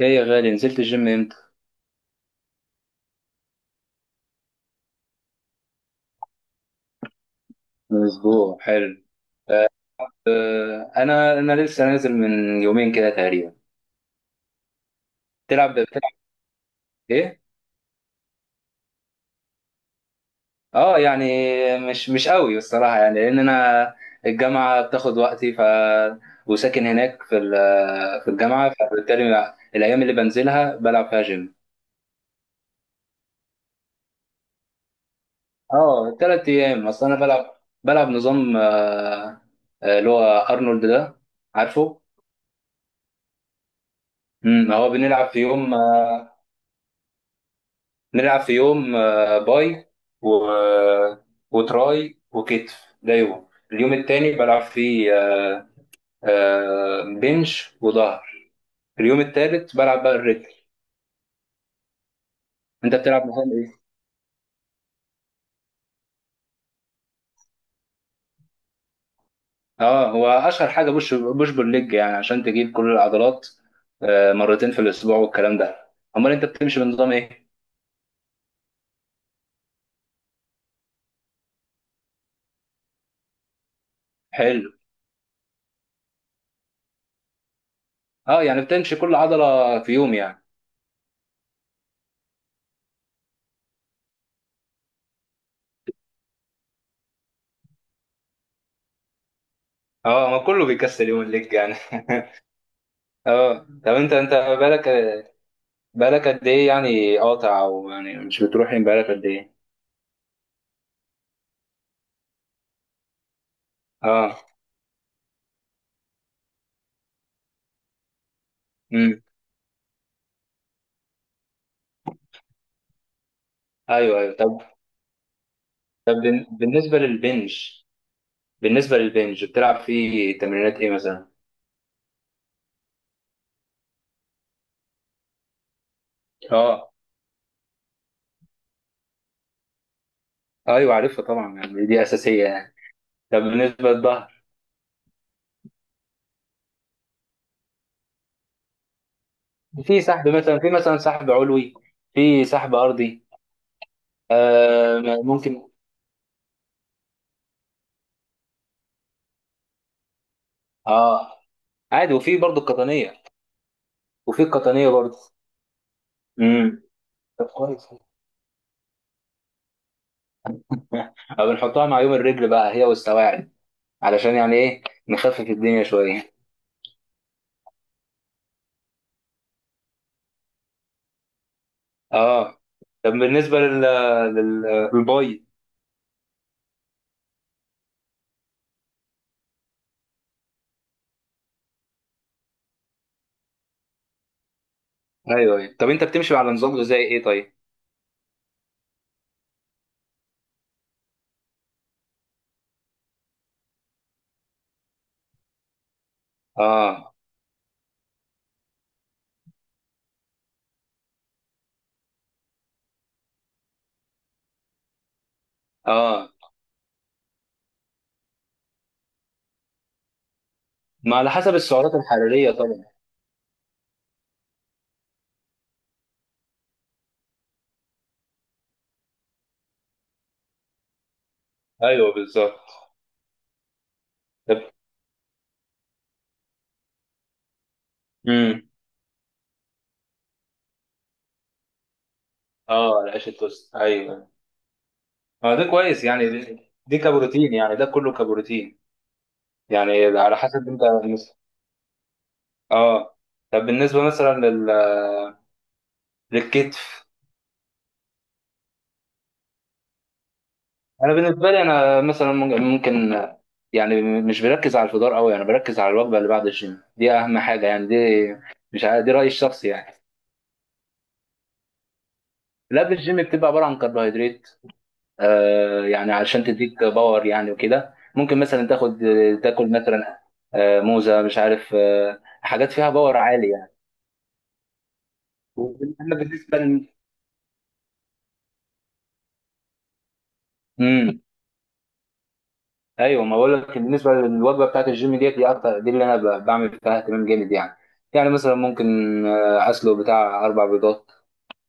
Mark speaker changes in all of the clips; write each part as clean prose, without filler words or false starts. Speaker 1: ايه يا غالي، نزلت الجيم امتى؟ من اسبوع. حلو. آه، انا لسه نازل من يومين كده تقريبا. بتلعب ايه؟ اه يعني مش قوي الصراحه، يعني لان انا الجامعه بتاخد وقتي، ف وساكن هناك في الجامعه، فبالتالي الايام اللي بنزلها بلعب فيها جيم. اه، 3 ايام. اصل انا بلعب نظام، اللي هو ارنولد ده، عارفه؟ هو بنلعب في يوم، نلعب في يوم باي و... وتراي وكتف. ده اليوم التاني بلعب فيه بنش وظهر. اليوم التالت بلعب بقى الرجل. انت بتلعب مثلا ايه؟ اه، هو اشهر حاجه بوش بول ليج يعني عشان تجيب كل العضلات مرتين في الاسبوع والكلام ده. امال انت بتمشي بنظام ايه؟ حلو. اه يعني بتمشي كل عضله في يوم يعني. اه، ما كله بيكسل يوم الليج يعني. اه. طب، انت بالك، بقالك قد ايه يعني قاطع، او يعني مش بتروح؟ يعني بقالك قد ايه؟ اه. امم. ايوه ايوه، طب. طب بالنسبه للبنج، بالنسبه للبنج بتلعب فيه تمرينات ايه مثلا؟ اه. ايوه، عارفها طبعا، يعني دي اساسيه يعني. طب بالنسبه للظهر؟ في مثلا سحب علوي، في سحب ارضي. آه، ممكن. اه، عادي. وفي برضه القطنيه. وفي القطنيه برضه. امم. طب، كويس. أو بنحطها مع يوم الرجل بقى، هي والسواعد، علشان يعني ايه، نخفف الدنيا شويه. اه. طب بالنسبه لل لل للباي. ايوه ايوه، طب. انت بتمشي على نظام غذائي ايه طيب؟ اه. اه، ما على حسب السعرات الحراريه طبعا. ايوه، بالظبط. طب. امم. اه، العيش التوست، ايوه. ما ده كويس، يعني دي كبروتين، يعني ده كله كبروتين. يعني على حسب انت. اه. طب بالنسبه مثلا للكتف. انا بالنسبه لي، انا مثلا ممكن يعني مش بركز على الفطار قوي، يعني بركز على الوجبه اللي بعد الجيم دي، اهم حاجه يعني دي. مش عارف، دي رايي الشخصي يعني. اللي قبل الجيم بتبقى عباره عن كربوهيدرات، يعني علشان تديك باور يعني، وكده ممكن مثلا تاخد، تاكل مثلا موزه، مش عارف، حاجات فيها باور عالي يعني. اما بالنسبه مم. ايوه، ما بقول لك، بالنسبه للوجبه بتاعت الجيم ديت، دي اكتر، دي اللي انا بعمل فيها اهتمام جامد يعني. يعني مثلا ممكن اسلق بتاع اربع بيضات،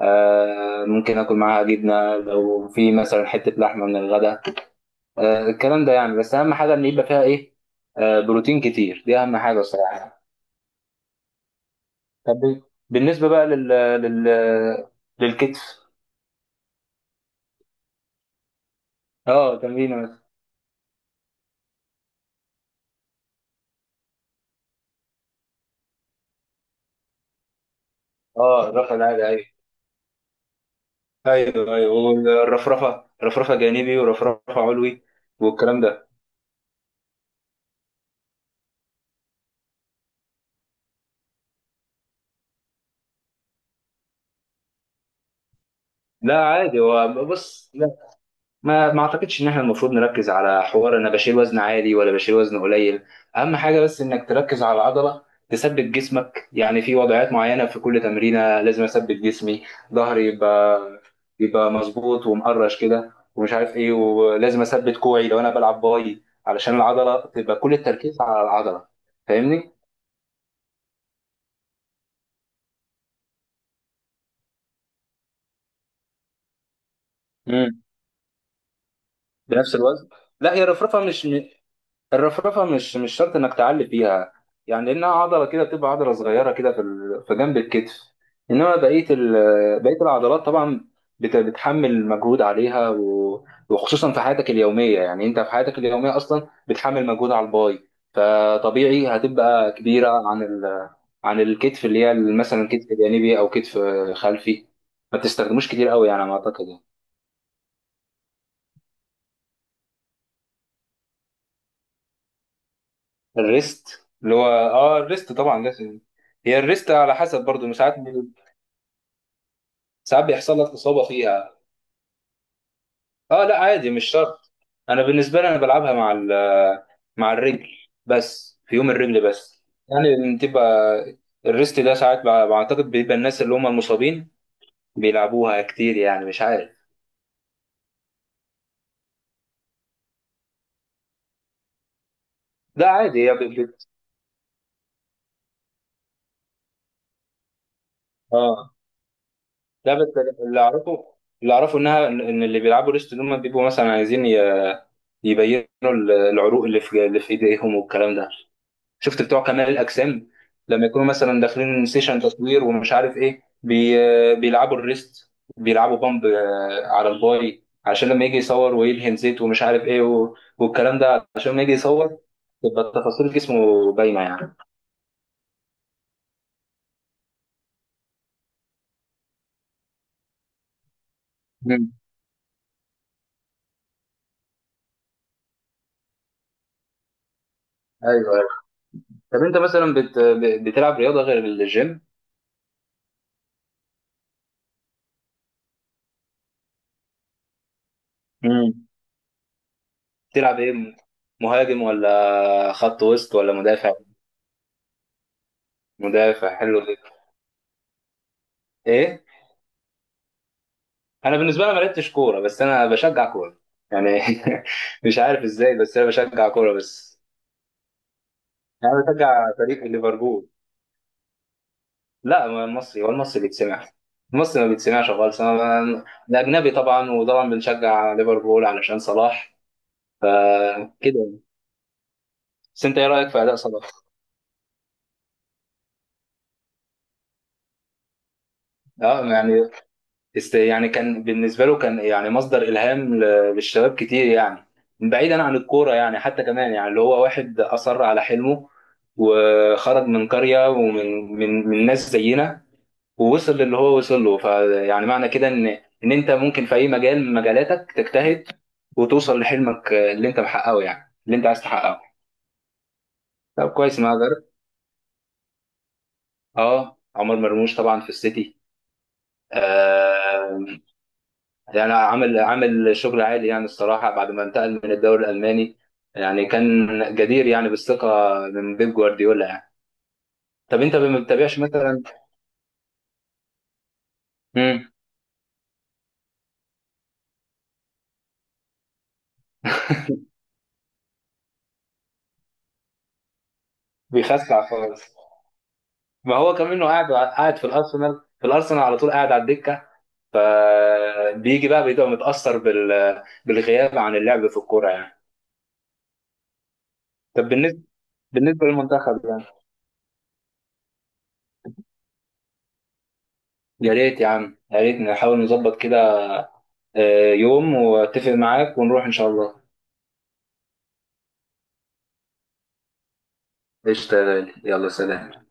Speaker 1: ممكن اكل معاها جبنه، لو في مثلا حته لحمه من الغداء، الكلام ده يعني. بس اهم حاجه ان يبقى فيها ايه، بروتين كتير، دي اهم حاجه الصراحه. طب بالنسبه بقى لل لل للكتف. اه، تمرين مثلا. اه، الرفع العالي، ايوه. ايوه ايوه، والرفرفه، رفرفه جانبي ورفرفه علوي والكلام ده. لا، عادي. هو، بص، لا، ما اعتقدش ان احنا المفروض نركز على حوار انا بشيل وزن عالي ولا بشيل وزن قليل. اهم حاجه بس انك تركز على العضله، تثبت جسمك يعني في وضعيات معينه. في كل تمرينه لازم اثبت جسمي. ظهري يبقى مظبوط ومقرش كده ومش عارف ايه، ولازم اثبت كوعي لو انا بلعب باي، علشان العضله تبقى، كل التركيز على العضله. فاهمني. امم. بنفس الوزن. لا، هي الرفرفه مش، الرفرفه مش شرط انك تعلي فيها، يعني لانها عضله كده، بتبقى عضله صغيره كده في جنب الكتف. انما بقيه العضلات طبعا بتحمل مجهود عليها، و- وخصوصا في حياتك اليوميه يعني. انت في حياتك اليوميه اصلا بتحمل مجهود على الباي، فطبيعي هتبقى كبيره عن الكتف اللي هي مثلا كتف جانبي او كتف خلفي. ما تستخدموش كتير قوي يعني على ما اعتقد يعني. الريست اللي هو اه الريست طبعا لازم. هي الريست على حسب برضو مش عارف. ساعات بيحصل لك اصابه فيها. اه، لا، عادي، مش شرط. انا بالنسبه لي، انا بلعبها مع مع الرجل، بس في يوم الرجل بس. يعني بتبقى الريست ده ساعات، بعتقد بيبقى الناس اللي هم المصابين بيلعبوها كتير، يعني مش عارف. لا، عادي. اه، لا. اللي اعرفه اللي اعرفه انها ان إن اللي بيلعبوا ريست دول هم بيبقوا مثلا عايزين يبينوا العروق اللي في ايديهم والكلام ده. شفت بتوع كمال الاجسام لما يكونوا مثلا داخلين سيشن تصوير، ومش عارف ايه، بيلعبوا الريست، بيلعبوا بامب على الباي، عشان لما يجي يصور ويدهن زيت ومش عارف ايه، و... والكلام ده، عشان لما يجي يصور تبقى تفاصيل جسمه باينه يعني. مم. ايوه ايوه، طب انت مثلا بتلعب رياضه غير الجيم؟ مم. بتلعب ايه؟ مهاجم، ولا خط وسط، ولا مدافع؟ مدافع، حلو ده. ايه، انا بالنسبه لي ما لعبتش كوره، بس انا بشجع كوره يعني. مش عارف ازاي، بس انا بشجع كوره بس. يعني انا بشجع فريق ليفربول. لا، ما المصري هو المصري بيتسمع. المصري ما بيتسمعش خالص. الاجنبي طبعا، وطبعا بنشجع ليفربول علشان صلاح، فكده. بس انت ايه رايك في اداء صلاح؟ اه يعني، يعني كان بالنسبة له، كان يعني مصدر إلهام للشباب كتير يعني، بعيدا عن الكورة يعني، حتى كمان يعني، اللي هو واحد أصر على حلمه وخرج من قرية، ومن من من ناس زينا، ووصل للي هو وصل له. فيعني، معنى كده إن أنت ممكن في أي مجال من مجالاتك تجتهد، وتوصل لحلمك اللي أنت محققه، يعني اللي أنت عايز تحققه. طب كويس، ما جربت. أه، عمر مرموش طبعا في السيتي. آه يعني، عامل شغل عالي يعني الصراحة، بعد ما انتقل من الدوري الألماني يعني، كان جدير يعني بالثقة من بيب جوارديولا يعني. طب أنت ما بتتابعش مثلا. امم. بيخسع خالص. ما هو كمان، إنه قاعد في الأرسنال على طول قاعد على الدكة، فبيجي بقى بيبقى متأثر بالغياب عن اللعب في الكورة يعني. طب بالنسبة للمنتخب يعني. يا ريت يا عم، يا ريت نحاول نظبط كده يوم واتفق معاك ونروح إن شاء الله. قشطة يا غالي. يلا، سلام.